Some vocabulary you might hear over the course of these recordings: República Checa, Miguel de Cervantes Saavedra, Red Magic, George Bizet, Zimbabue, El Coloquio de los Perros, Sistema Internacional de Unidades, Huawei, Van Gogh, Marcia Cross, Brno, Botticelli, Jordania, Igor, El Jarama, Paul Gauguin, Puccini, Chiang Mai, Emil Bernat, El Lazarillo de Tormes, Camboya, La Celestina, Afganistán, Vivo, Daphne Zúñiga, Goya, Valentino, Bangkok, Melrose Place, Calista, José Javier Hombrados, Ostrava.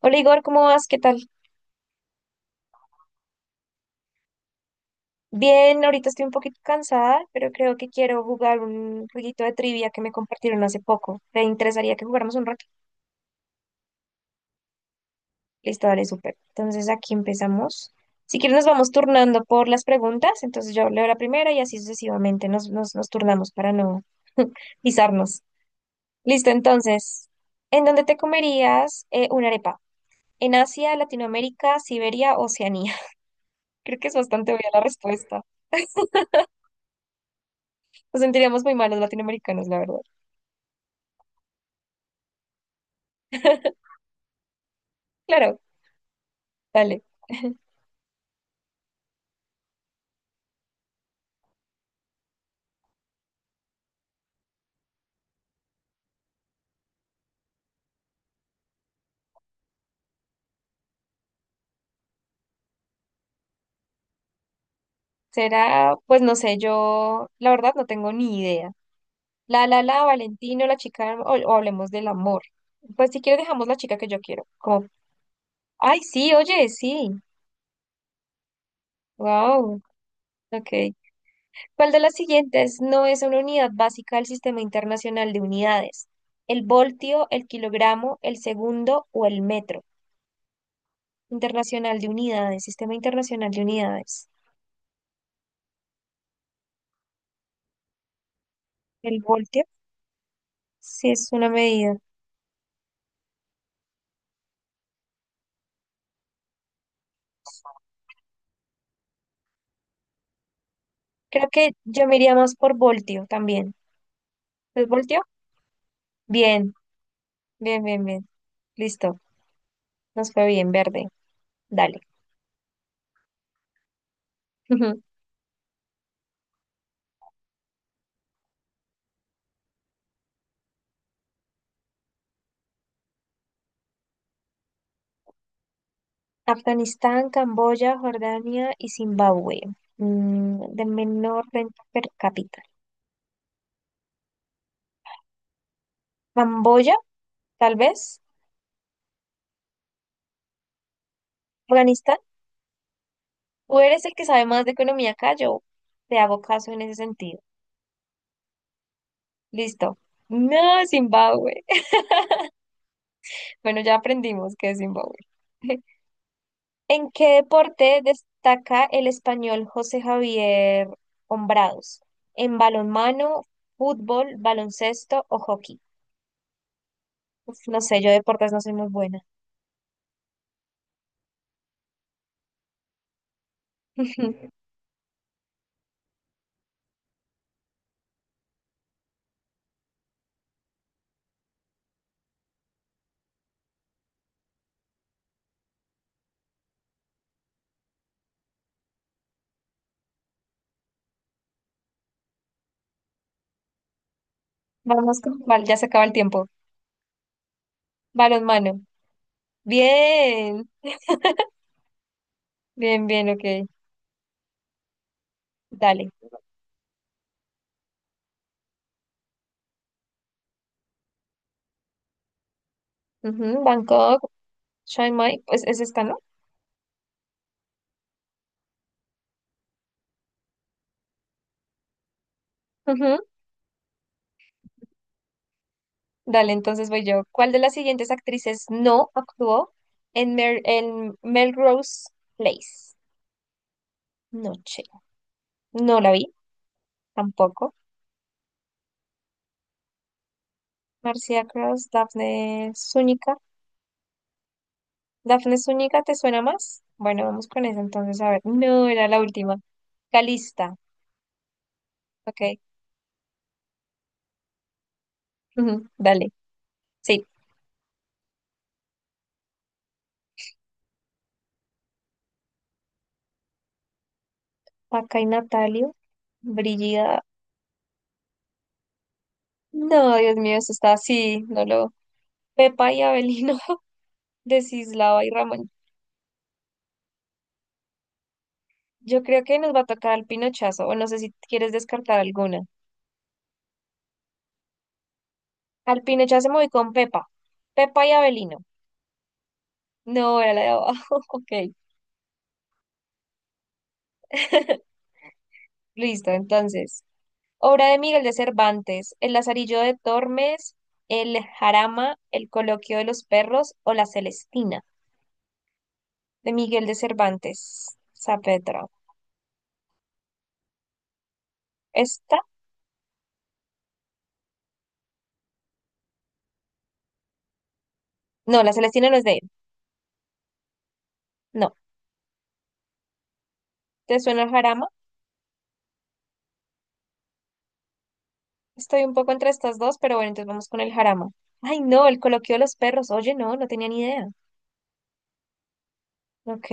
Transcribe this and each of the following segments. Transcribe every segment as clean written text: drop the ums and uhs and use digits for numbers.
Hola Igor, ¿cómo vas? ¿Qué tal? Bien, ahorita estoy un poquito cansada, pero creo que quiero jugar un jueguito de trivia que me compartieron hace poco. ¿Te interesaría que jugáramos un rato? Listo, dale, súper. Entonces aquí empezamos. Si quieres nos vamos turnando por las preguntas, entonces yo leo la primera y así sucesivamente nos turnamos para no pisarnos. Listo, entonces, ¿en dónde te comerías una arepa? ¿En Asia, Latinoamérica, Siberia, Oceanía? Creo que es bastante obvia la respuesta. Nos sentiríamos muy malos latinoamericanos, la verdad. Claro. Dale. Será, pues no sé, yo la verdad no tengo ni idea. La, la, la, Valentino, la chica, o hablemos del amor. Pues si quieres dejamos la chica que yo quiero. Como, ay, sí, oye, sí. Wow. Ok. ¿Cuál de las siguientes no es una unidad básica del Sistema Internacional de Unidades? ¿El voltio, el kilogramo, el segundo o el metro? Internacional de Unidades, Sistema Internacional de Unidades. ¿El voltio? Sí, es una medida. Creo que yo me iría más por voltio también. ¿Les volteó? Bien, bien, bien, bien. Listo. Nos fue bien, verde. Dale. Afganistán, Camboya, Jordania y Zimbabue. Mm, de menor renta per cápita. Camboya, tal vez. Afganistán. Tú eres el que sabe más de economía acá. Yo te hago caso en ese sentido. Listo. No, Zimbabue. Bueno, ya aprendimos que es Zimbabue. ¿En qué deporte destaca el español José Javier Hombrados? ¿En balonmano, fútbol, baloncesto o hockey? Uf, no sé, yo de deportes no soy muy buena. Vamos con cuál, ya se acaba el tiempo. Balonmano. Bien, bien, bien, ok. Dale. Ujú, Bangkok, Chiang Mai, pues es esta, ¿no? Ujú, dale, entonces voy yo. ¿Cuál de las siguientes actrices no actuó en, Mer- en Melrose Place? Noche. No la vi. Tampoco. Marcia Cross, Daphne Zúñiga. ¿Daphne Zúñiga te suena más? Bueno, vamos con esa entonces, a ver. No, era la última. Calista, ok. Ujú, dale, sí. Acá hay Natalio, Brigida. No, Dios mío, eso está así, no lo. Pepa y Abelino, Desislava y Ramón. Yo creo que nos va a tocar al Pinochazo, o no sé si quieres descartar alguna. Al Pinochazo me voy con Pepa. Pepa y Abelino. No, era la de abajo, ok. Listo, entonces. Obra de Miguel de Cervantes, El Lazarillo de Tormes, El Jarama, El Coloquio de los Perros o La Celestina, de Miguel de Cervantes Saavedra. ¿Esta? No, La Celestina no es de él. No. ¿Te suena el Jarama? Estoy un poco entre estas dos, pero bueno, entonces vamos con el Jarama. Ay, no, El Coloquio de los Perros. Oye, no, no tenía ni idea. Ok,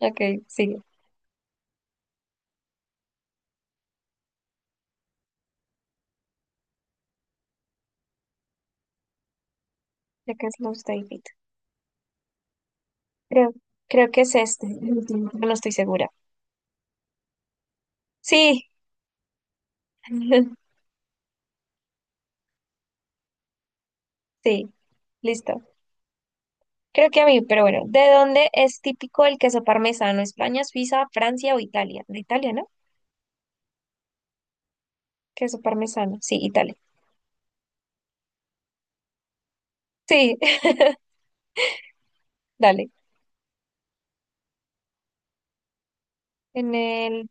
ok, sigue. De qué es Love David. Creo, creo que es este. El último, pero no estoy segura. Sí, sí, listo. Creo que a mí, pero bueno, ¿de dónde es típico el queso parmesano? ¿España, Suiza, Francia o Italia? De Italia, ¿no? Queso parmesano, sí, Italia. Sí, dale. En el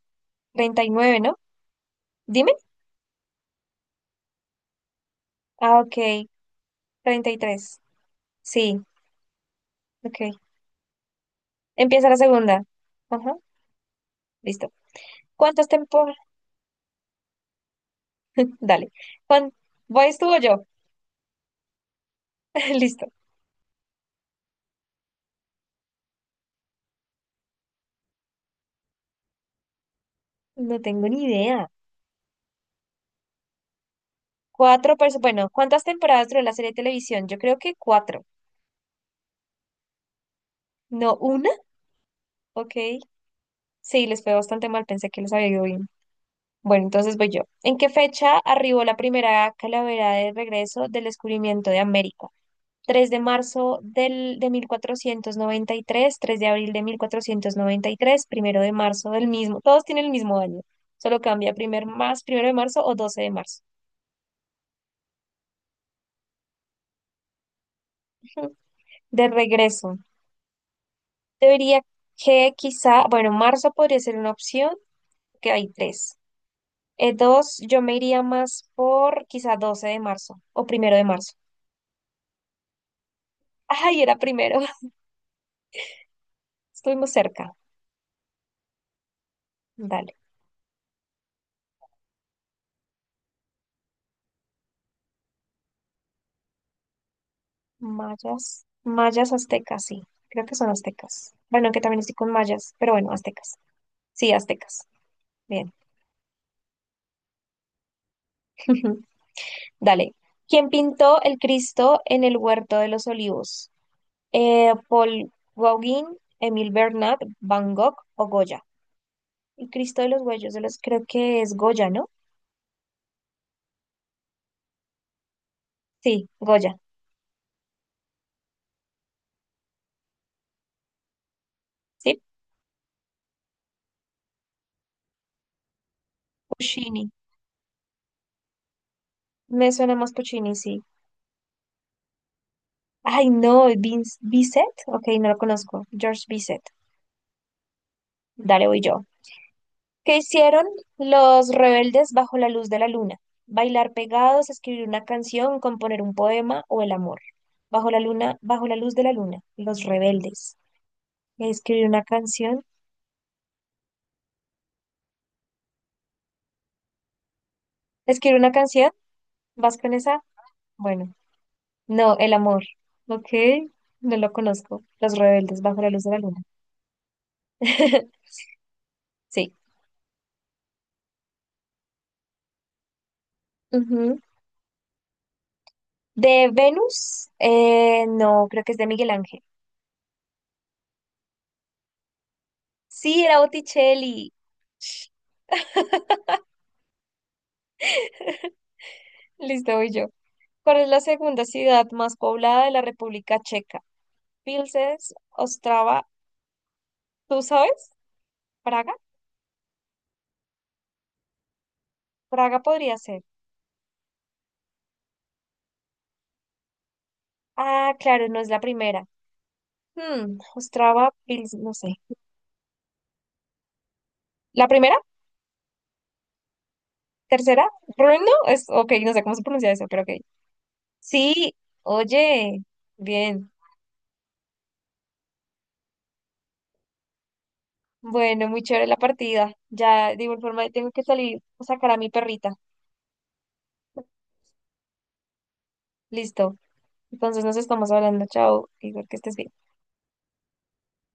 treinta y nueve, ¿no? Dime. Ah, ok. Treinta y tres. Sí, ok. Empieza la segunda. Ajá, listo. ¿Cuántas temporadas? Dale. ¿Cuán... ¿Voy tú o yo? Listo. No tengo ni idea. Cuatro personas. Bueno, ¿cuántas temporadas duró la serie de televisión? Yo creo que cuatro. ¿No una? Ok. Sí, les fue bastante mal. Pensé que les había ido bien. Bueno, entonces voy yo. ¿En qué fecha arribó la primera calavera de regreso del descubrimiento de América? 3 de marzo de 1493, 3 de abril de 1493, primero de marzo del mismo. Todos tienen el mismo año, solo cambia primer más, primero de marzo o 12 de marzo. De regreso. Debería que quizá, bueno, marzo podría ser una opción, que hay tres. Dos, yo me iría más por quizá 12 de marzo o primero de marzo. Ay, era primero, estuvimos cerca. Dale. Mayas, mayas aztecas, sí. Creo que son aztecas. Bueno, que también estoy con mayas, pero bueno, aztecas. Sí, aztecas. Bien. Dale. ¿Quién pintó el Cristo en el Huerto de los Olivos? Paul Gauguin, Emil Bernat, Van Gogh o Goya. El Cristo de los Huellos de los, creo que es Goya, ¿no? Sí, Goya. Sí, Puccini. Me suena más Puccini, sí. Ay, no, Vince, Bizet. Ok, no lo conozco. George Bizet. Dale, voy yo. ¿Qué hicieron los rebeldes bajo la luz de la luna? Bailar pegados, escribir una canción, componer un poema o el amor. Bajo la luna, bajo la luz de la luna, los rebeldes. Escribir una canción. Escribir una canción. ¿Vas con esa? Bueno, no, el amor. Ok, no lo conozco. Los rebeldes bajo la luz de la luna. Sí. Ujú. ¿De Venus? No, creo que es de Miguel Ángel. Sí, era Botticelli. Listo, voy yo. ¿Cuál es la segunda ciudad más poblada de la República Checa? Pilses, Ostrava, ¿tú sabes? Praga. Praga podría ser. Ah, claro, no es la primera. Hmm, Ostrava, Pils, no sé. ¿La primera? ¿Tercera? Brno es, ok, no sé cómo se pronuncia eso, pero ok. Sí, oye, bien. Bueno, muy chévere la partida. Ya, de igual forma, tengo que salir a sacar a mi perrita. Listo. Entonces nos estamos hablando. Chao, Igor, que estés bien.